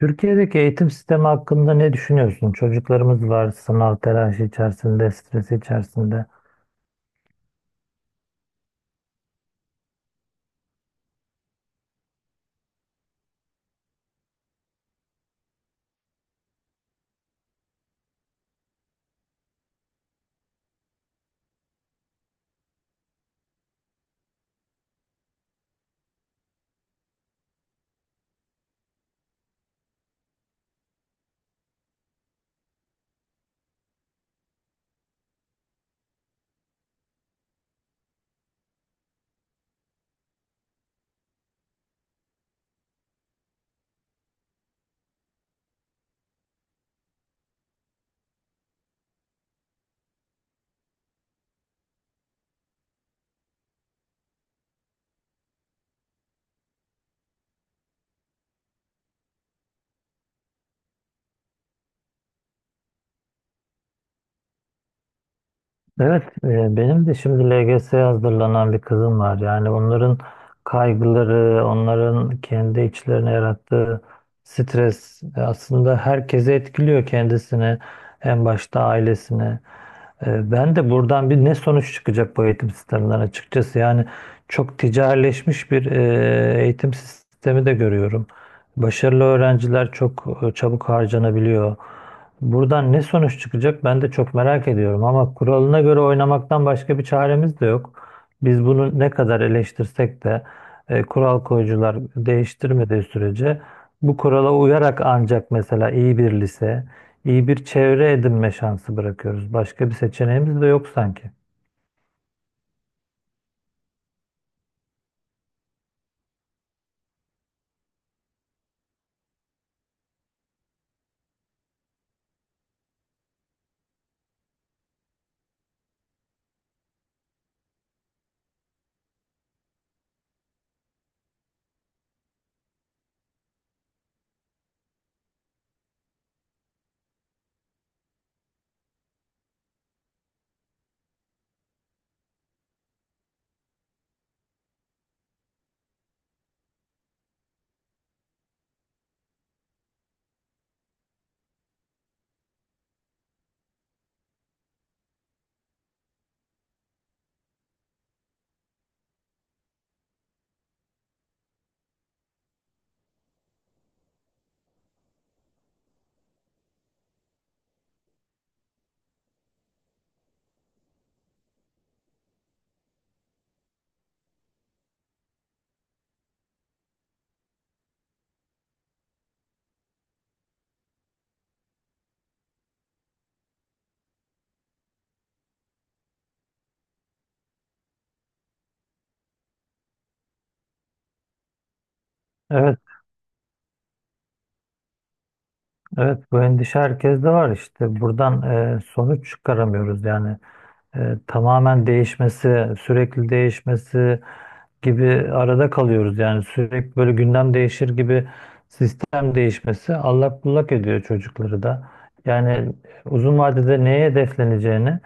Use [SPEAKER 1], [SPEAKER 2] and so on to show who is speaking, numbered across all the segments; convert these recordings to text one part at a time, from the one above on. [SPEAKER 1] Türkiye'deki eğitim sistemi hakkında ne düşünüyorsun? Çocuklarımız var sınav telaşı içerisinde, stres içerisinde. Evet, benim de şimdi LGS'ye hazırlanan bir kızım var. Yani onların kaygıları, onların kendi içlerine yarattığı stres aslında herkesi etkiliyor kendisini, en başta ailesini. Ben de buradan bir ne sonuç çıkacak bu eğitim sisteminden açıkçası. Yani çok ticarileşmiş bir eğitim sistemi de görüyorum. Başarılı öğrenciler çok çabuk harcanabiliyor. Buradan ne sonuç çıkacak ben de çok merak ediyorum. Ama kuralına göre oynamaktan başka bir çaremiz de yok. Biz bunu ne kadar eleştirsek de kural koyucular değiştirmediği sürece bu kurala uyarak ancak mesela iyi bir lise, İyi bir çevre edinme şansı bırakıyoruz. Başka bir seçeneğimiz de yok sanki. Evet, evet, bu endişe herkeste var işte. Buradan sonuç çıkaramıyoruz yani. Tamamen değişmesi, sürekli değişmesi gibi arada kalıyoruz. Yani sürekli böyle gündem değişir gibi sistem değişmesi allak bullak ediyor çocukları da. Yani uzun vadede neye hedefleneceğini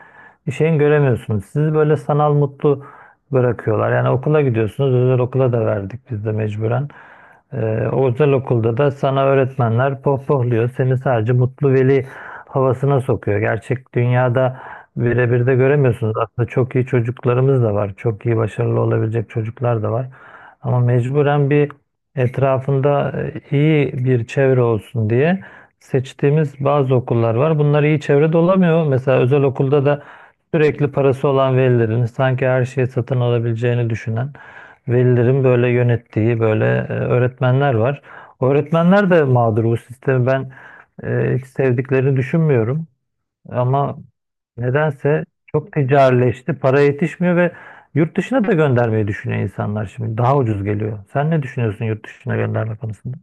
[SPEAKER 1] bir şeyin göremiyorsunuz. Sizi böyle sanal mutlu bırakıyorlar. Yani okula gidiyorsunuz. Özel okula da verdik biz de mecburen. O özel okulda da sana öğretmenler pohpohluyor. Seni sadece mutlu veli havasına sokuyor. Gerçek dünyada birebir de göremiyorsunuz. Aslında çok iyi çocuklarımız da var. Çok iyi başarılı olabilecek çocuklar da var. Ama mecburen bir etrafında iyi bir çevre olsun diye seçtiğimiz bazı okullar var. Bunlar iyi çevrede olamıyor. Mesela özel okulda da sürekli parası olan velilerin sanki her şeyi satın alabileceğini düşünen velilerin böyle yönettiği böyle öğretmenler var. O öğretmenler de mağdur, bu sistemi ben hiç sevdiklerini düşünmüyorum. Ama nedense çok ticarileşti. Para yetişmiyor ve yurt dışına da göndermeyi düşünüyor insanlar şimdi. Daha ucuz geliyor. Sen ne düşünüyorsun yurt dışına gönderme konusunda?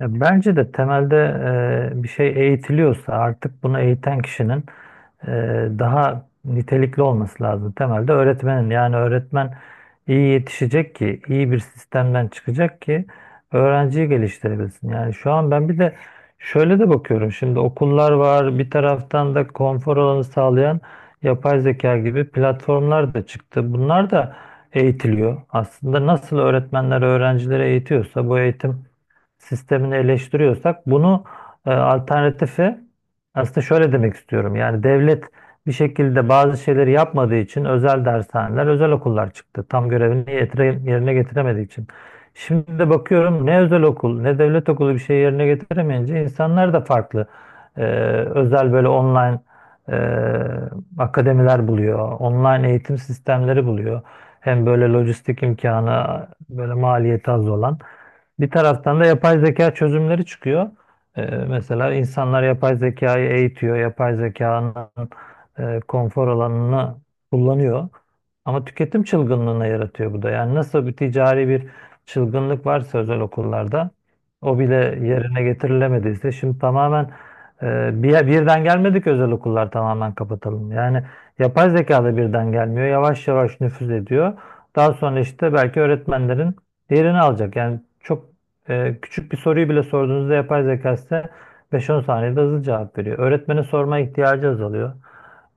[SPEAKER 1] Ya bence de temelde bir şey eğitiliyorsa artık bunu eğiten kişinin e, daha nitelikli olması lazım. Temelde öğretmenin, yani öğretmen iyi yetişecek ki iyi bir sistemden çıkacak ki öğrenciyi geliştirebilsin. Yani şu an ben bir de şöyle de bakıyorum, şimdi okullar var, bir taraftan da konfor alanı sağlayan yapay zeka gibi platformlar da çıktı. Bunlar da eğitiliyor. Aslında nasıl öğretmenler öğrencileri eğitiyorsa, bu eğitim sistemini eleştiriyorsak bunu alternatifi, aslında şöyle demek istiyorum. Yani devlet bir şekilde bazı şeyleri yapmadığı için özel dershaneler, özel okullar çıktı. Tam görevini yerine getiremediği için. Şimdi de bakıyorum, ne özel okul ne devlet okulu bir şey yerine getiremeyince insanlar da farklı e, özel, böyle online e, akademiler buluyor. Online eğitim sistemleri buluyor. Hem böyle lojistik imkanı böyle maliyeti az olan. Bir taraftan da yapay zeka çözümleri çıkıyor. Mesela insanlar yapay zekayı eğitiyor, yapay zekanın konfor alanını kullanıyor. Ama tüketim çılgınlığına yaratıyor bu da. Yani nasıl bir ticari bir çılgınlık varsa özel okullarda o bile yerine getirilemediyse şimdi tamamen birden gelmedik özel okullar tamamen kapatalım. Yani yapay zeka da birden gelmiyor. Yavaş yavaş nüfuz ediyor. Daha sonra işte belki öğretmenlerin diğerini alacak. Yani çok küçük bir soruyu bile sorduğunuzda yapay zeka size 5-10 saniyede hızlı cevap veriyor. Öğretmene sorma ihtiyacı azalıyor.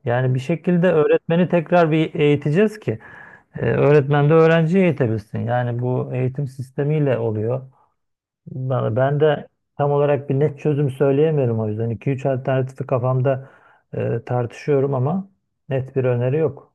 [SPEAKER 1] Yani bir şekilde öğretmeni tekrar bir eğiteceğiz ki öğretmen de öğrenciyi eğitebilsin. Yani bu eğitim sistemiyle oluyor. Ben de tam olarak bir net çözüm söyleyemiyorum o yüzden. İki üç alternatifi kafamda tartışıyorum ama net bir öneri yok.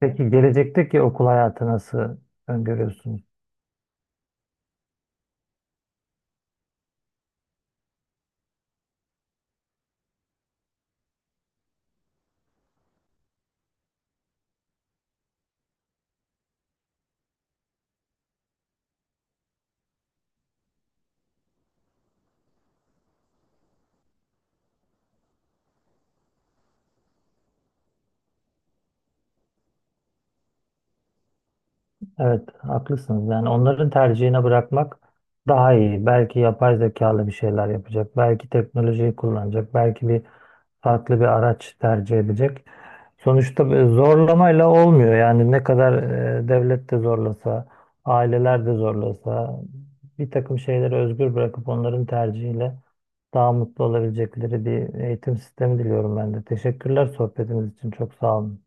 [SPEAKER 1] Peki gelecekteki okul hayatı nasıl öngörüyorsunuz? Evet, haklısınız. Yani onların tercihine bırakmak daha iyi. Belki yapay zekalı bir şeyler yapacak, belki teknolojiyi kullanacak, belki bir farklı bir araç tercih edecek. Sonuçta bir zorlamayla olmuyor. Yani ne kadar devlet de zorlasa, aileler de zorlasa, bir takım şeyleri özgür bırakıp onların tercihiyle daha mutlu olabilecekleri bir eğitim sistemi diliyorum ben de. Teşekkürler sohbetiniz için. Çok sağ olun.